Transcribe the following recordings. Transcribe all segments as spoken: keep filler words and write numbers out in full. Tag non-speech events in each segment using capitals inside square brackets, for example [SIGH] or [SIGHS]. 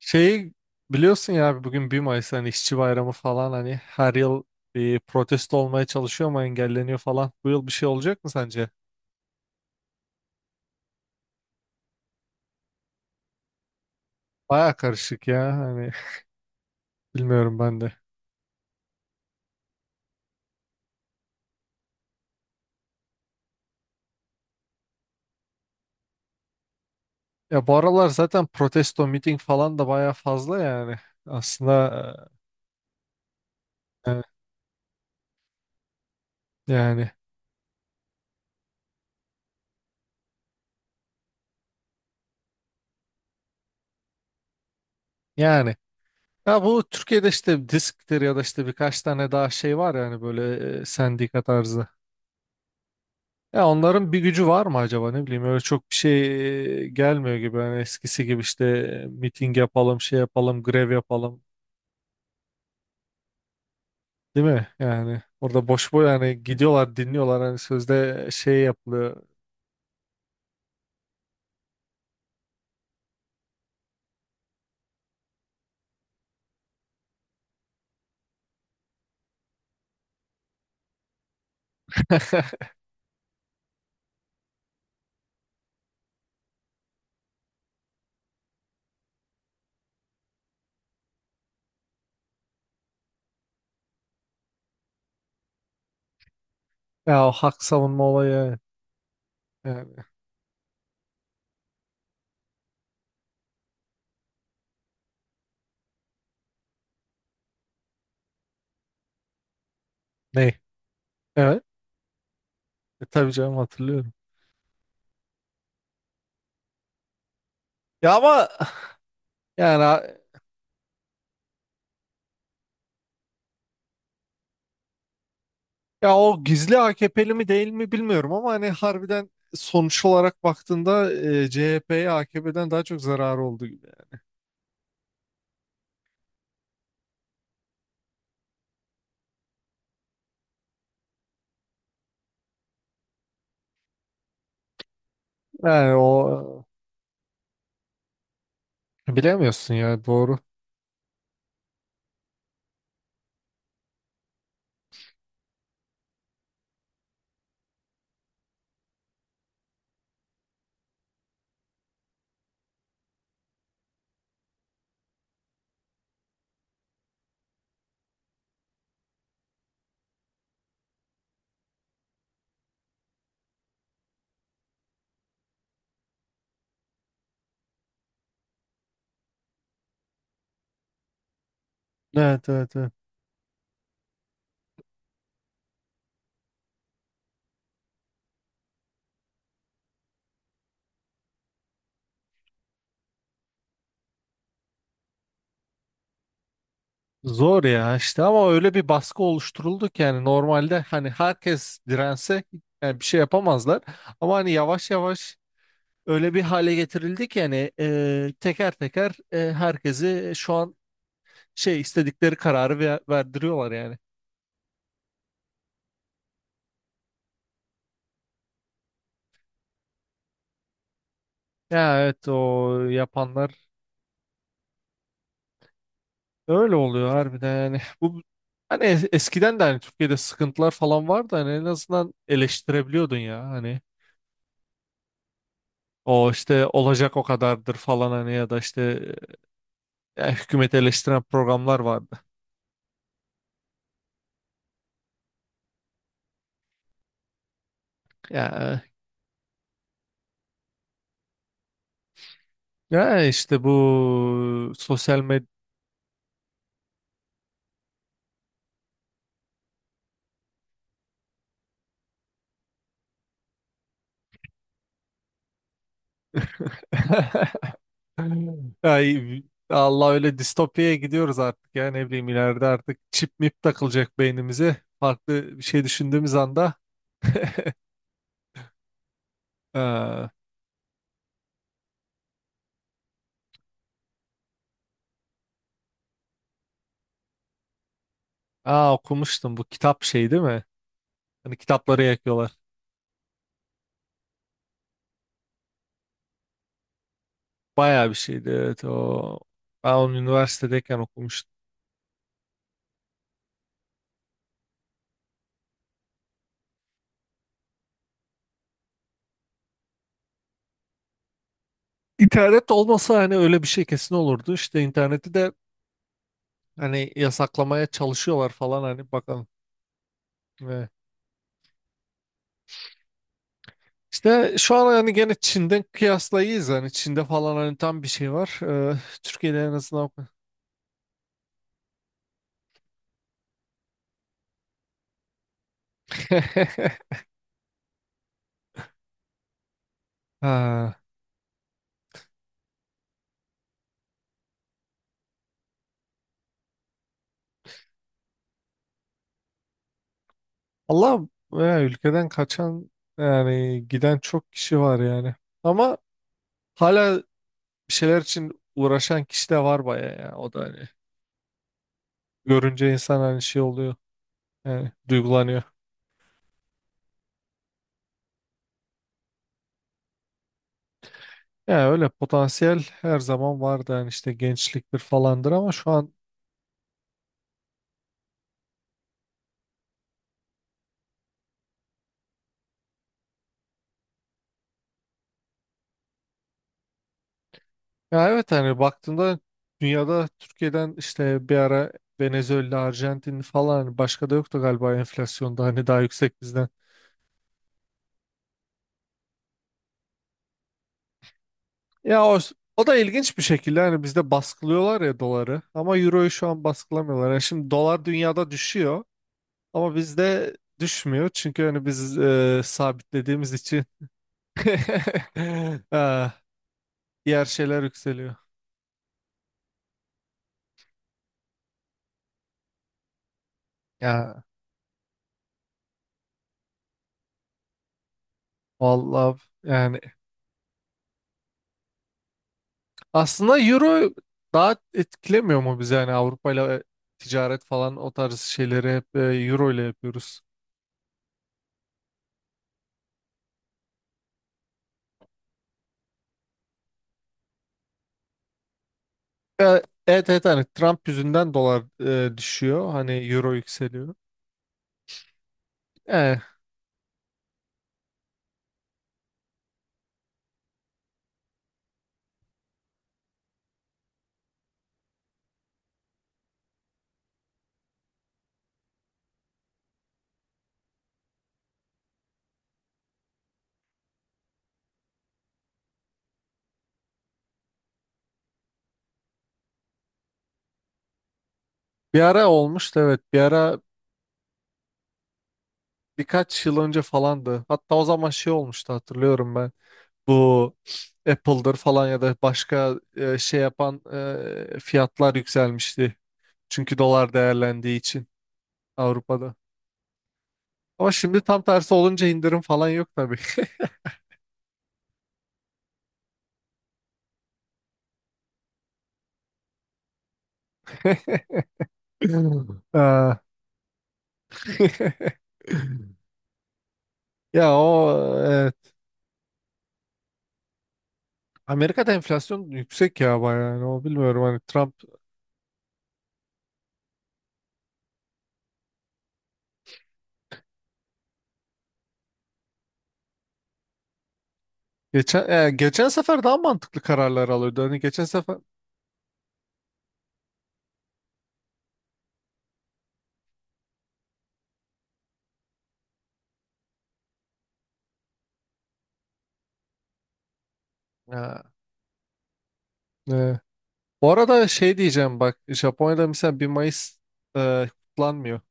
Şeyi biliyorsun ya abi, bugün bir Mayıs, hani işçi bayramı falan, hani her yıl bir protesto olmaya çalışıyor ama engelleniyor falan. Bu yıl bir şey olacak mı sence? Baya karışık ya, hani bilmiyorum ben de. Ya bu aralar zaten protesto miting falan da baya fazla yani. Aslında e, e, yani yani. Ya bu Türkiye'de işte disktir ya da işte birkaç tane daha şey var yani böyle e, sendika tarzı. Ya onların bir gücü var mı acaba, ne bileyim, öyle çok bir şey gelmiyor gibi yani eskisi gibi işte miting yapalım, şey yapalım, grev yapalım, değil mi? Yani orada boş boş yani gidiyorlar, dinliyorlar, hani sözde şey yapılıyor. [LAUGHS] Ya, o hak savunma olayı. Evet, yani. Ne? Evet. E, tabii canım, hatırlıyorum. Ya ama, yani ya, o gizli A K P'li mi değil mi bilmiyorum, ama hani harbiden sonuç olarak baktığında e, C H P'ye A K P'den daha çok zararı oldu gibi. Yani o, bilemiyorsun ya, doğru. Evet, evet, evet. Zor ya işte, ama öyle bir baskı oluşturuldu ki yani normalde hani herkes dirense yani bir şey yapamazlar. Ama hani yavaş yavaş öyle bir hale getirildi ki yani, e, teker teker e, herkesi şu an şey, istedikleri kararı ve- verdiriyorlar yani. Ya evet, o yapanlar öyle oluyor harbiden yani. Bu hani es- eskiden de hani Türkiye'de sıkıntılar falan vardı, hani en azından eleştirebiliyordun ya hani. O işte, olacak o kadardır falan, hani ya da işte e, hükümeti eleştiren programlar vardı. Ya, eh, ya işte bu sosyal medya. [LAUGHS] Ay, Allah, öyle distopyaya gidiyoruz artık ya, ne bileyim, ileride artık çip mip takılacak beynimize. Farklı bir şey düşündüğümüz anda… [LAUGHS] Ha. Aa, okumuştum bu kitap, şey değil mi? Hani kitapları yakıyorlar. Bayağı bir şeydi evet o. Ben onu üniversitedeyken okumuştum. İnternet olmasa hani öyle bir şey kesin olurdu. İşte interneti de hani yasaklamaya çalışıyorlar falan, hani bakalım. Ve işte şu an hani gene Çin'den kıyaslayız, hani Çin'de falan hani tam bir şey var. Ee, Türkiye'de en azından… [LAUGHS] Ha. Allah, ya ülkeden kaçan, yani giden çok kişi var yani. Ama hala bir şeyler için uğraşan kişi de var baya ya. O da hani, görünce insan hani şey oluyor. Yani duygulanıyor. Ya öyle potansiyel her zaman vardı yani, işte gençliktir falandır, ama şu an… Ya evet, hani baktığında dünyada Türkiye'den, işte bir ara Venezuela, Arjantin falan, hani başka da yoktu galiba enflasyonda hani daha yüksek bizden. Ya o, o da ilginç bir şekilde hani bizde baskılıyorlar ya doları, ama euroyu şu an baskılamıyorlar. Yani şimdi dolar dünyada düşüyor ama bizde düşmüyor, çünkü hani biz e, sabitlediğimiz için. [LAUGHS] Ha, diğer şeyler yükseliyor. Ya vallahi, yani aslında euro daha etkilemiyor mu bizi, yani Avrupa ile ticaret falan, o tarz şeyleri hep e, euro ile yapıyoruz. E, Evet evet, hani Trump yüzünden dolar e, düşüyor, hani euro yükseliyor. E, Bir ara olmuştu evet, bir ara, birkaç yıl önce falandı. Hatta o zaman şey olmuştu, hatırlıyorum ben. Bu Apple'dır falan ya da başka e, şey yapan e, fiyatlar yükselmişti. Çünkü dolar değerlendiği için Avrupa'da. Ama şimdi tam tersi olunca indirim falan yok tabii. [LAUGHS] Aa. [LAUGHS] Ya o, evet. Amerika'da enflasyon yüksek ya bayağı yani, o bilmiyorum hani Trump geçen e, geçen sefer daha mantıklı kararlar alıyordu. Hani geçen sefer… Ha, e, bu arada şey diyeceğim bak, Japonya'da mesela bir Mayıs e, kutlanmıyor.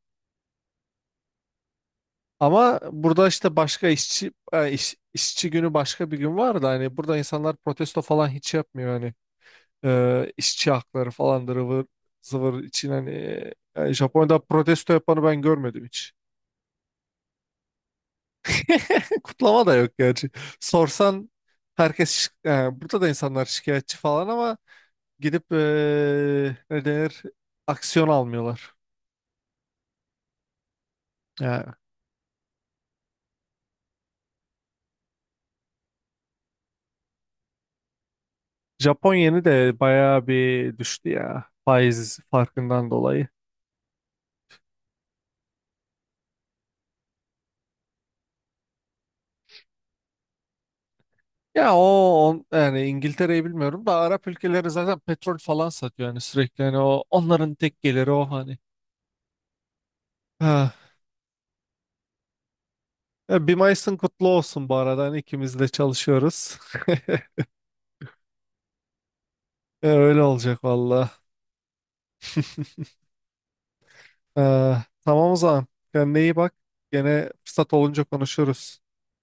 Ama burada işte başka işçi e, iş- işçi günü, başka bir gün var da, hani burada insanlar protesto falan hiç yapmıyor hani. Ee, işçi hakları falan da ıvır zıvır için hani, e, yani Japonya'da protesto yapanı ben görmedim hiç. [LAUGHS] Kutlama da yok gerçi. Sorsan, herkes şi- yani burada da insanlar şikayetçi falan, ama gidip e, ne denir, aksiyon almıyorlar. Yani Japon yeni de bayağı bir düştü ya, faiz farkından dolayı. Ya o on, yani İngiltere'yi bilmiyorum da, Arap ülkeleri zaten petrol falan satıyor yani sürekli, yani o onların tek geliri o hani. [SIGHS] Ya, bir Mayıs'ın kutlu olsun bu arada. Hani ikimiz de çalışıyoruz. [LAUGHS] E, Öyle olacak valla. Ee, tamam o zaman. Kendine iyi bak. Gene fırsat olunca konuşuruz.